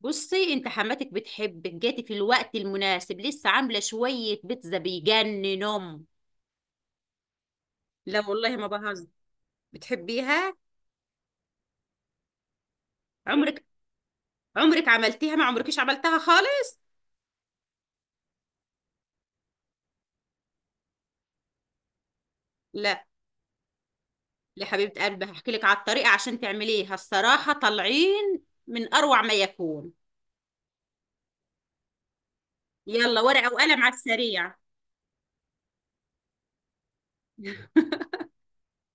بصي انت حماتك بتحبك، جاتي في الوقت المناسب. لسه عامله شويه بيتزا بيجننهم. لا والله ما بهزر. بتحبيها؟ عمرك عمرك عملتيها؟ ما عمركيش عملتها خالص. لا، يا حبيبه قلبي هحكي لك على الطريقه عشان تعمليها، الصراحه طالعين من اروع ما يكون. يلا، ورقه وقلم على السريع.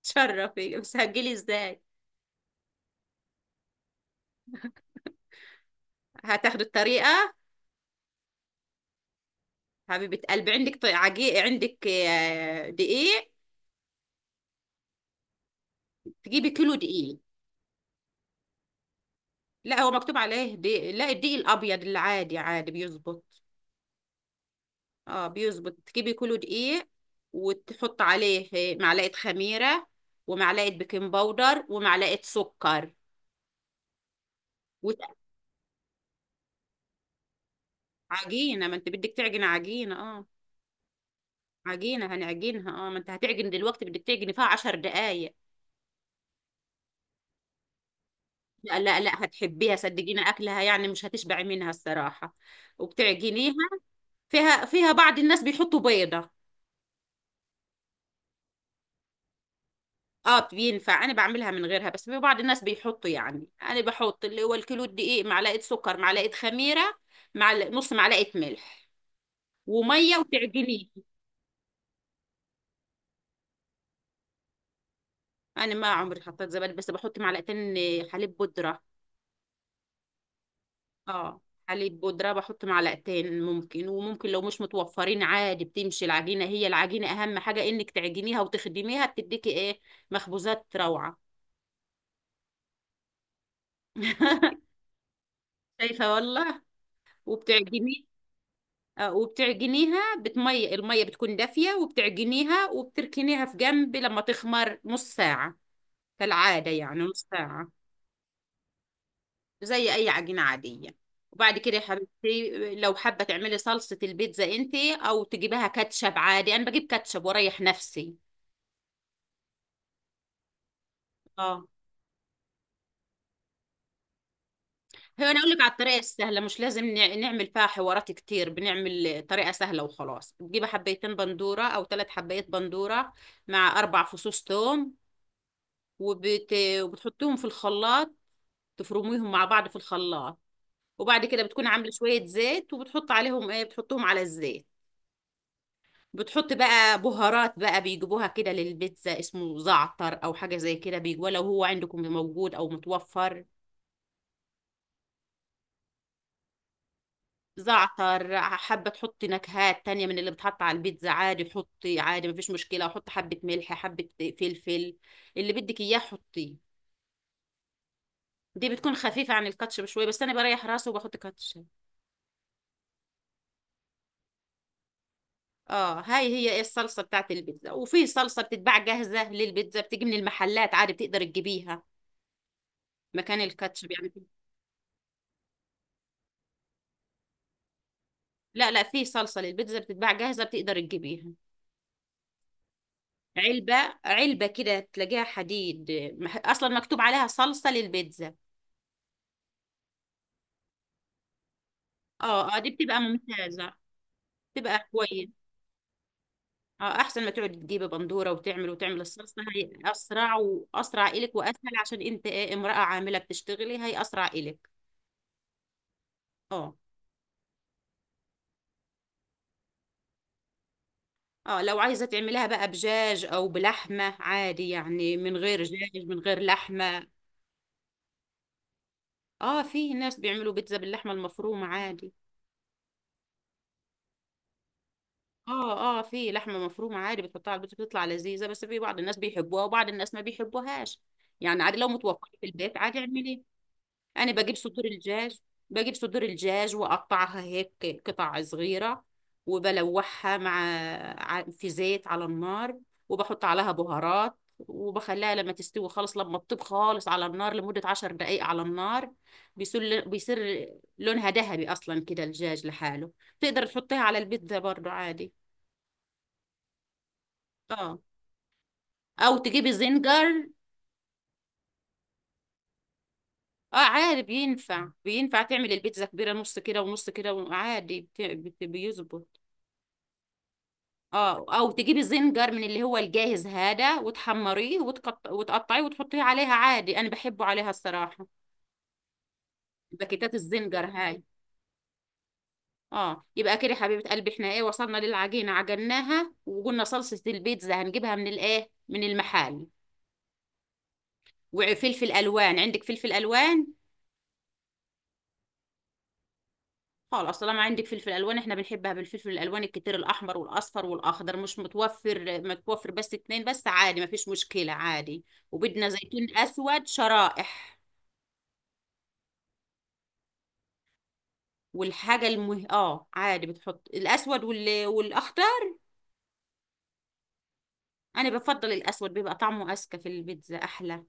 تشرفي، بس هتجيلي ازاي؟ هتاخدي الطريقه. حبيبه قلبي، عندك طي- عجي عندك دقيق؟ تجيبي كيلو دقيق. لا، هو مكتوب عليه دي. لا، الدقيق الابيض العادي عادي بيظبط. اه، بيظبط، تجيبي كيلو دقيق وتحط عليه معلقه خميره ومعلقه بيكنج باودر ومعلقه سكر وعجينه، ما انت بدك تعجن عجينه، اه، عجينه هنعجنها. اه، ما انت هتعجن دلوقتي، بدك تعجني فيها 10 دقايق. لا، لا، لا، هتحبيها صدقيني، اكلها يعني مش هتشبعي منها الصراحه، وبتعجنيها فيها بعض الناس بيحطوا بيضه. اه، بينفع، انا بعملها من غيرها بس في بعض الناس بيحطوا، يعني انا بحط اللي هو الكيلو دقيق، معلقه سكر، معلقه خميره، مع نص معلقه ملح وميه وتعجنيه. انا ما عمري حطيت زبادي، بس بحط معلقتين حليب بودره. اه، حليب بودره بحط معلقتين، ممكن وممكن لو مش متوفرين عادي بتمشي العجينه، هي العجينه اهم حاجه انك تعجنيها وتخدميها. بتديكي ايه؟ مخبوزات روعه. شايفه والله، وبتعجنيها. وبتعجنيها بتمي المية بتكون دافية، وبتعجنيها وبتركنيها في جنب لما تخمر نص ساعة، كالعادة يعني نص ساعة، زي أي عجينة عادية. وبعد كده يا حبيبتي، لو حابة تعملي صلصة البيتزا انت، أو تجيبها كاتشب عادي. أنا بجيب كاتشب وأريح نفسي. اه، هو أنا أقول لك على الطريقة السهلة، مش لازم نعمل فيها حوارات كتير، بنعمل طريقة سهلة وخلاص. بتجيبي حبيتين بندورة أو 3 حبايات بندورة مع 4 فصوص ثوم وبت... وبتحطيهم في الخلاط، تفرميهم مع بعض في الخلاط. وبعد كده بتكون عامله شويه زيت وبتحط عليهم، ايه، بتحطهم على الزيت. بتحط بقى بهارات، بقى بيجيبوها كده للبيتزا، اسمه زعتر او حاجه زي كده بيجوا، لو هو عندكم موجود او متوفر. زعتر، حابه تحطي نكهات تانية من اللي بتحط على البيتزا عادي، حطي عادي مفيش مشكله، وحطي حبه ملح، حبه فلفل، اللي بدك اياه حطيه. دي بتكون خفيفه عن الكاتشب شويه، بس انا بريح راسي وبحط كاتشب. اه، هاي هي ايه الصلصة بتاعت البيتزا، وفي صلصة بتتباع جاهزة للبيتزا، بتيجي من المحلات عادي بتقدر تجيبيها مكان الكاتشب يعني. لا، لا، في صلصة للبيتزا بتتباع جاهزة بتقدر تجيبيها. علبة، علبة كده تلاقيها حديد، اصلا مكتوب عليها صلصة للبيتزا. اه، اه، دي بتبقى ممتازة، بتبقى كويس. اه، احسن ما تقعد تجيب بندورة وتعمل الصلصة هي اسرع، واسرع الك واسهل، عشان انت إيه، امرأة عاملة بتشتغلي، هي اسرع الك. اه، اه، لو عايزة تعمليها بقى بجاج او بلحمة عادي، يعني من غير دجاج من غير لحمة. اه، في ناس بيعملوا بيتزا باللحمة المفرومة عادي. اه، اه، في لحمة مفرومة عادي بتحطها على البيتزا بتطلع لذيذة، بس في بعض الناس بيحبوها وبعض الناس ما بيحبوهاش، يعني عادي لو متوفرة في البيت عادي اعمليها. انا بجيب صدور الدجاج، بجيب صدور الدجاج واقطعها هيك قطع صغيره، وبلوحها مع في زيت على النار، وبحط عليها بهارات وبخليها لما تستوي خالص، لما تطيب خالص على النار لمدة 10 دقايق على النار. بيصير لونها ذهبي أصلا كده الدجاج لحاله، تقدر تحطيها على البيتزا برضو عادي. اه، أو تجيبي زنجر. اه، عادي بينفع، تعمل البيتزا كبيرة نص كده ونص كده، وعادي بيظبط. اه، او تجيبي زنجر من اللي هو الجاهز هذا وتحمريه وتقطعيه وتحطيه عليها عادي، انا بحبه عليها الصراحه، باكيتات الزنجر هاي. اه، يبقى كده حبيبه قلبي، احنا ايه وصلنا للعجينه عجناها، وقلنا صلصه البيتزا هنجيبها من الايه، من المحل. وفلفل الوان، عندك فلفل الوان؟ خلاص طالما عندك فلفل الوان احنا بنحبها بالفلفل الالوان الكتير، الاحمر والاصفر والاخضر، مش متوفر، متوفر بس اتنين بس عادي مفيش مشكله عادي. وبدنا زيتون اسود شرائح. والحاجة اه، عادي بتحط الأسود والأخضر. أنا بفضل الأسود، بيبقى طعمه أذكى في البيتزا أحلى.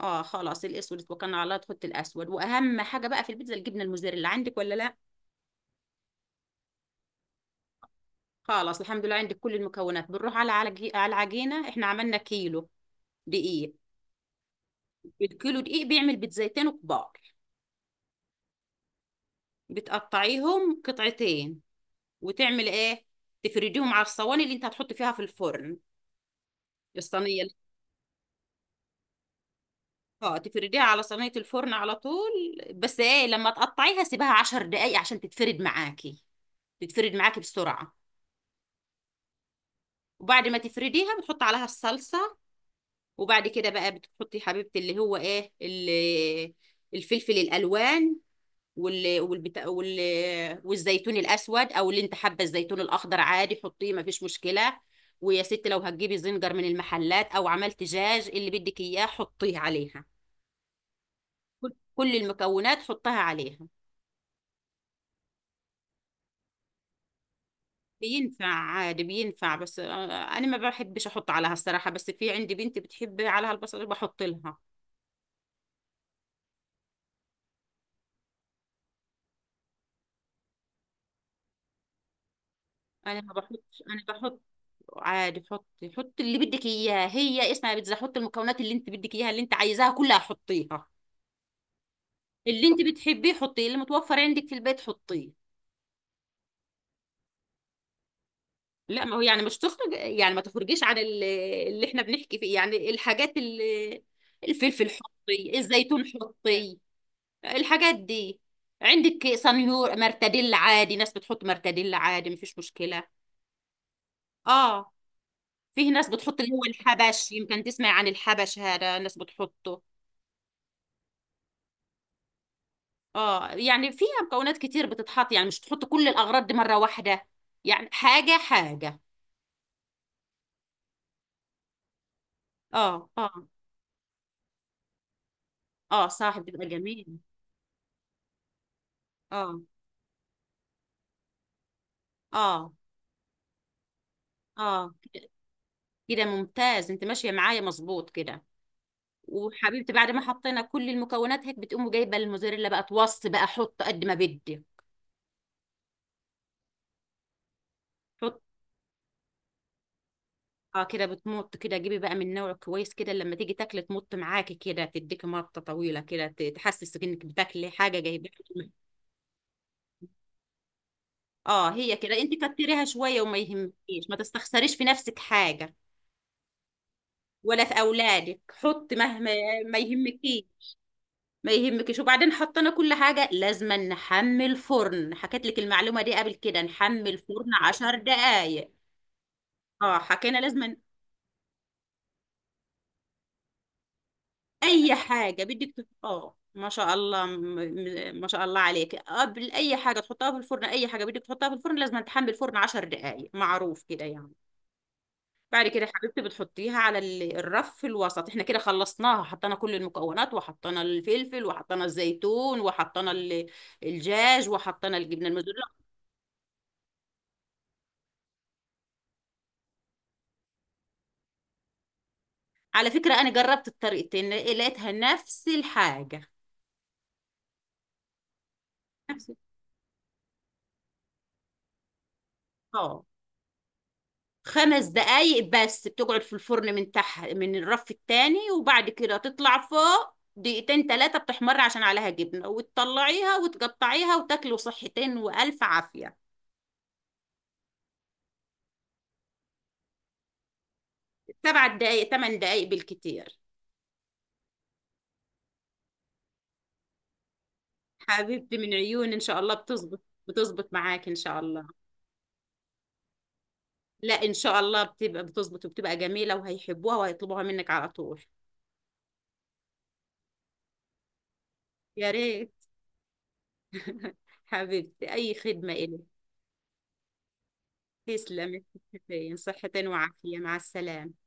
اه، خلاص الأسود، اتوكلنا على الله تحط الأسود. وأهم حاجة بقى في البيتزا الجبنة الموزاريلا، عندك ولا لا؟ خلاص الحمد لله عندك كل المكونات، بنروح على العجينة، احنا عملنا كيلو دقيق. الكيلو دقيق بيعمل بيتزايتين كبار، بتقطعيهم قطعتين، وتعمل ايه، تفرديهم على الصواني اللي انت هتحط فيها في الفرن، الصينية. اه، تفرديها على صينية الفرن على طول، بس ايه، لما تقطعيها سيبها 10 دقايق عشان تتفرد معاكي، تتفرد معاكي بسرعة. وبعد ما تفرديها بتحط عليها الصلصة، وبعد كده بقى بتحطي يا حبيبتي اللي هو ايه الفلفل الألوان وال والبتا... وال والزيتون الأسود، أو اللي انت حابة الزيتون الأخضر عادي حطيه مفيش مشكلة. ويا ست، لو هتجيبي زنجر من المحلات أو عملت دجاج، اللي بدك إياه حطيه عليها، كل المكونات حطها عليها. بينفع عادي بينفع، بس. انا ما بحبش احط عليها الصراحه، بس في عندي بنتي بتحب عليها البصل بحط لها. انا ما بحطش، انا بحط عادي، حطي اللي بدك اياه، هي اسمها بيتزا، حطي المكونات اللي انت بدك اياها اللي انت عايزاها كلها حطيها، اللي انت بتحبيه حطيه، اللي متوفر عندك في البيت حطيه. لا، ما هو يعني مش تخرج، يعني ما تخرجيش عن اللي احنا بنحكي فيه، يعني الحاجات اللي الفلفل حطي، الزيتون حطي، الحاجات دي. عندك صنيور مرتديل عادي، ناس بتحط مرتديل عادي مفيش مشكلة. اه، فيه ناس بتحط اللي هو الحبش، يمكن تسمع عن الحبش هذا، ناس بتحطه. اه، يعني فيها مكونات كتير بتتحط، يعني مش تحط كل الأغراض دي مرة واحدة، يعني حاجة حاجة. اه، اه، اه، صاحب بيبقى جميل. اه، اه، اه، كده ممتاز، انت ماشية معايا مظبوط كده. وحبيبتي، بعد ما حطينا كل المكونات هيك بتقوم جايبه الموزاريلا بقى، توص بقى، حط قد ما بدي، حط. اه، كده بتمط كده، جيبي بقى من نوع كويس كده، لما تيجي تاكلي تمط معاكي كده، تديكي مطه طويله كده، تحسسك انك بتاكلي حاجه جايبه. اه، هي كده، انت كتريها شويه وما يهمكيش، ما تستخسريش في نفسك حاجه، ولا في اولادك، حط مهما، ما يهمكيش، ما يهمكيش. وبعدين حطينا كل حاجه، لازم نحمي الفرن، حكيت لك المعلومه دي قبل كده، نحمي الفرن 10 دقائق. اه، حكينا لازم اي حاجه بدك ما شاء الله، ما شاء الله عليك، قبل اي حاجه تحطها في الفرن، اي حاجه بدك تحطها في الفرن لازم تحمل الفرن 10 دقائق، معروف كده يعني. بعد كده يا حبيبتي بتحطيها على الرف في الوسط، احنا كده خلصناها، حطينا كل المكونات وحطينا الفلفل وحطينا الزيتون وحطينا الدجاج وحطينا الجبنه الموزاريلا. على فكره انا جربت الطريقتين لقيتها نفس الحاجه، نفس. اه، 5 دقايق بس بتقعد في الفرن من تحت من الرف التاني، وبعد كده تطلع فوق دقيقتين تلاتة بتحمر عشان عليها جبنة، وتطلعيها وتقطعيها وتاكلوا صحتين وألف عافية. 7 دقايق 8 دقايق بالكتير. حبيبتي من عيوني، إن شاء الله بتظبط، بتظبط معاك إن شاء الله. لا، إن شاء الله بتبقى بتظبط وبتبقى جميلة، وهيحبوها وهيطلبوها منك على طول. يا ريت، حبيبتي أي خدمة إلي. تسلمي، صحتين وعافية، مع السلامة.